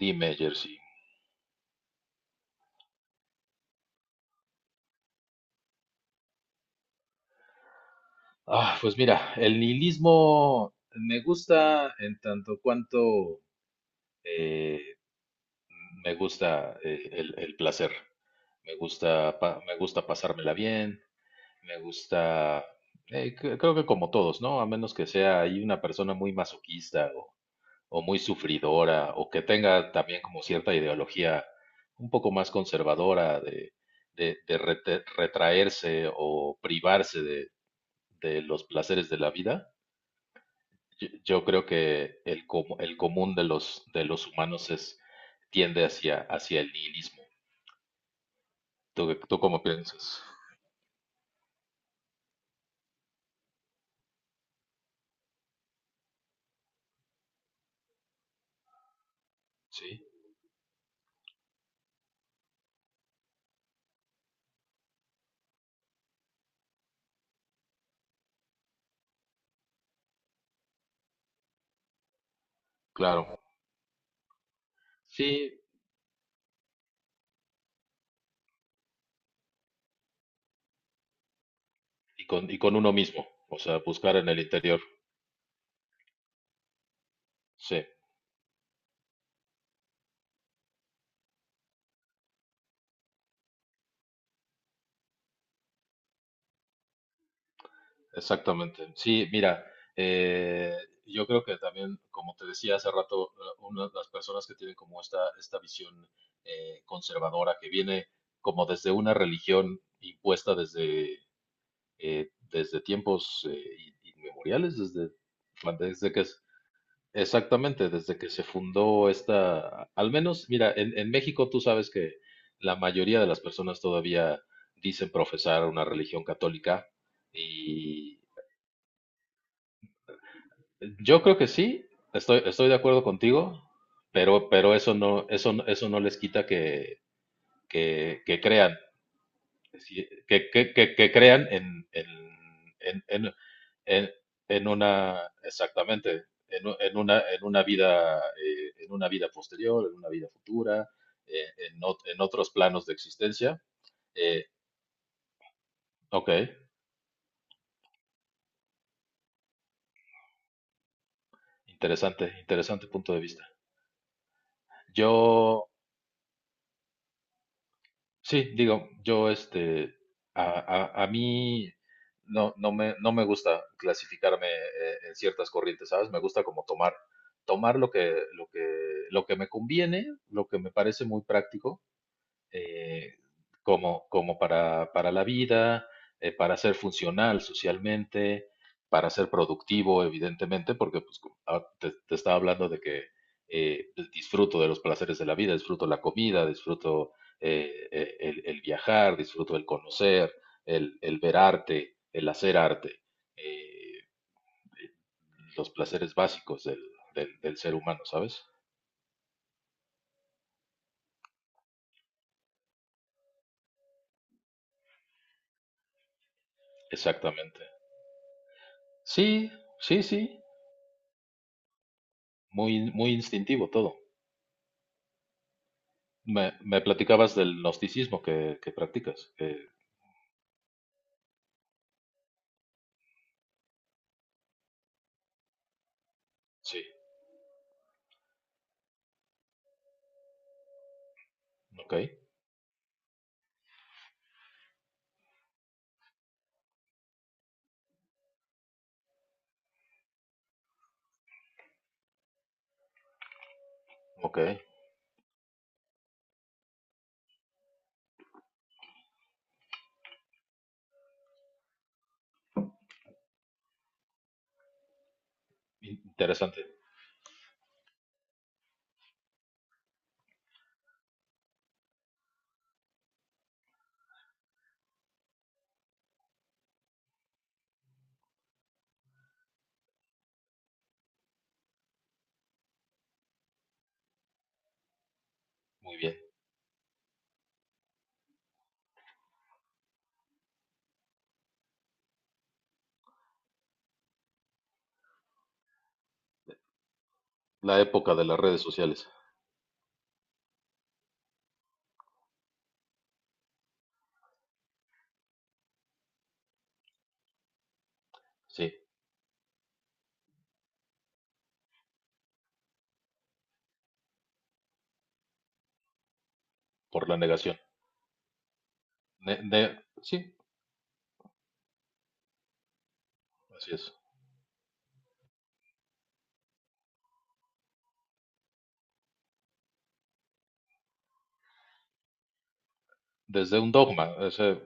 Dime, Jersey. Ah, pues mira, el nihilismo me gusta en tanto cuanto, eh, me gusta, el placer. Me gusta, me gusta pasármela bien, me gusta, creo que como todos, ¿no? A menos que sea ahí una persona muy masoquista o muy sufridora o que tenga también como cierta ideología un poco más conservadora retraerse o privarse de los placeres de la vida. Yo creo que el común de los humanos tiende hacia el nihilismo. ¿Tú cómo piensas? Sí, claro. Sí, y con uno mismo, o sea, buscar en el interior. Sí, exactamente. Sí, mira, eh, yo creo que también, como te decía hace rato, una de las personas que tienen como esta visión conservadora que viene como desde una religión impuesta desde tiempos inmemoriales, bueno, exactamente, desde que se fundó esta, al menos, mira, en México tú sabes que la mayoría de las personas todavía dicen profesar una religión católica. Y yo creo que sí, estoy de acuerdo contigo, pero eso no les quita que, que crean. Que crean en, en, en- exactamente, en una vida posterior, en una vida futura, en otros planos de existencia. Eh, ok, interesante punto de vista. Yo Sí, digo, a, a mí no me gusta clasificarme en ciertas corrientes, ¿sabes? Me gusta como tomar lo que me conviene, lo que me parece muy práctico, eh, como para la vida, para ser funcional socialmente, para ser productivo, evidentemente, porque pues, te estaba hablando de que, pues, disfruto de los placeres de la vida, disfruto la comida, disfruto, el viajar, disfruto el conocer, el ver arte, el hacer arte, eh, los placeres básicos del ser humano, ¿sabes? Exactamente. Sí, sí, sí, muy, muy instintivo todo. Me platicabas del gnosticismo que practicas. Sí, ok, ok. Interesante, muy bien. La época de las redes sociales, sí, por la negación. Sí, así es. Desde un dogma.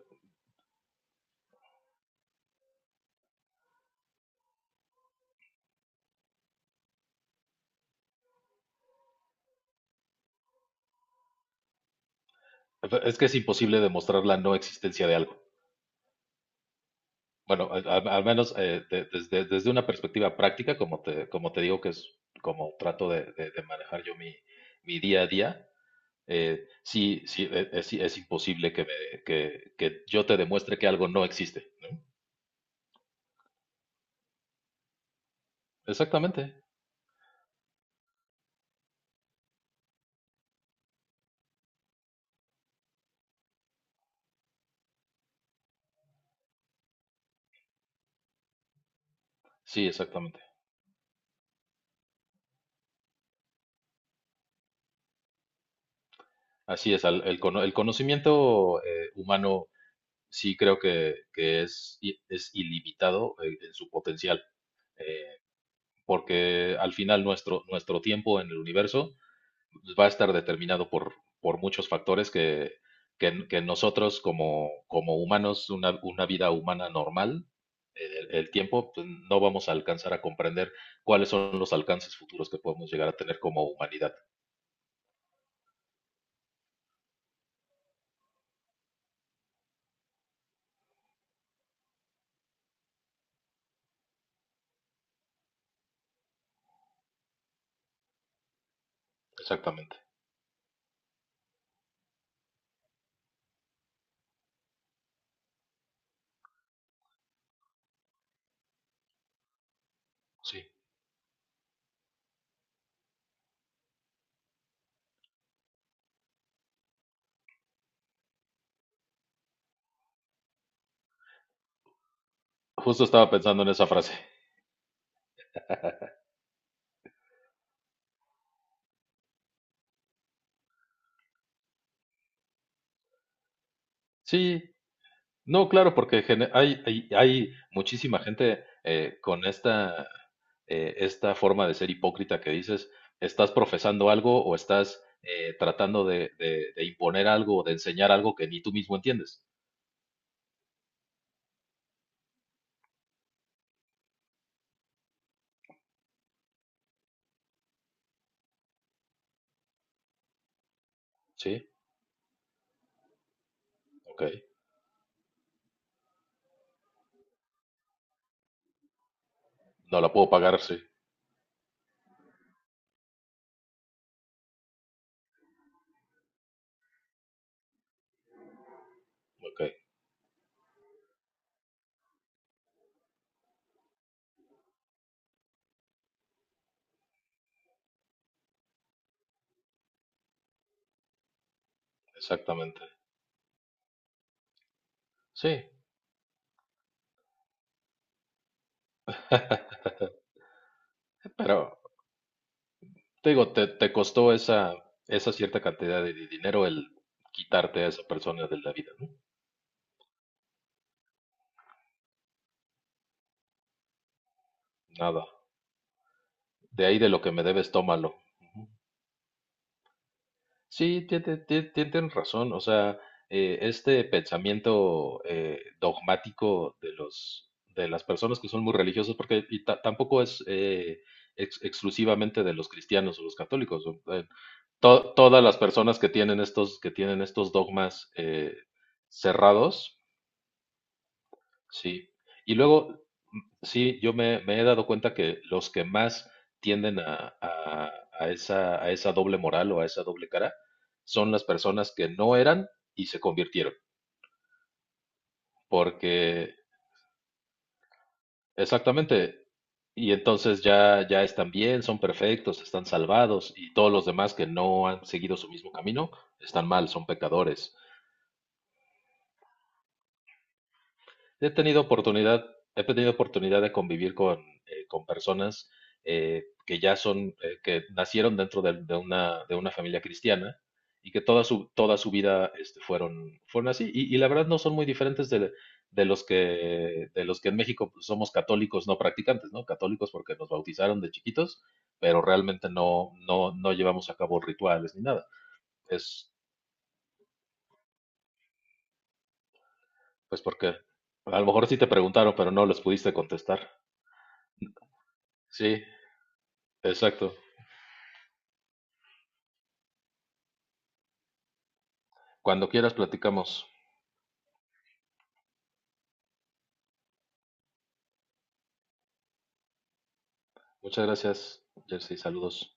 Es que es imposible demostrar la no existencia de algo. Bueno, al menos, desde una perspectiva práctica, como te digo, que es como trato de manejar yo mi día a día. Sí, sí, es imposible que yo te demuestre que algo no existe. Exactamente, sí, exactamente. Así es. El conocimiento humano, sí creo que es ilimitado en su potencial, porque al final nuestro tiempo en el universo va a estar determinado por muchos factores que nosotros como humanos, una vida humana normal, el tiempo, pues, no vamos a alcanzar a comprender cuáles son los alcances futuros que podemos llegar a tener como humanidad. Exactamente. Sí. Justo estaba pensando en esa frase. Sí, no, claro, porque hay muchísima gente, con esta forma de ser hipócrita que dices, estás profesando algo o estás, tratando de imponer algo o de enseñar algo que ni tú mismo entiendes. Sí, ok. No la puedo pagar, sí. Ok, exactamente. Sí, pero te digo, te costó esa, esa cierta cantidad de dinero el quitarte a esa persona de la vida, ¿no? Nada. De ahí de lo que me debes, tómalo. Ujú. Sí, tienen razón. O sea, este pensamiento dogmático de las personas que son muy religiosos, porque tampoco es exclusivamente de los cristianos o los católicos, todas las personas que tienen estos dogmas cerrados. Sí. Y luego, mm, sí, yo me he dado cuenta que los que más tienden a esa doble moral o a esa doble cara son las personas que no eran y se convirtieron. Porque, exactamente, y entonces ya, ya están bien, son perfectos, están salvados, y todos los demás que no han seguido su mismo camino están mal, son pecadores. He tenido oportunidad, he tenido oportunidad de convivir con personas, que nacieron dentro de una familia cristiana y que toda su vida, fueron así. Y la verdad no son muy diferentes de los que en México, pues, somos católicos no practicantes, ¿no? Católicos porque nos bautizaron de chiquitos, pero realmente no llevamos a cabo rituales ni nada. Es, pues porque a lo mejor sí te preguntaron, pero no les pudiste contestar. Sí, exacto. Cuando quieras platicamos. Muchas gracias, Jersey. Saludos.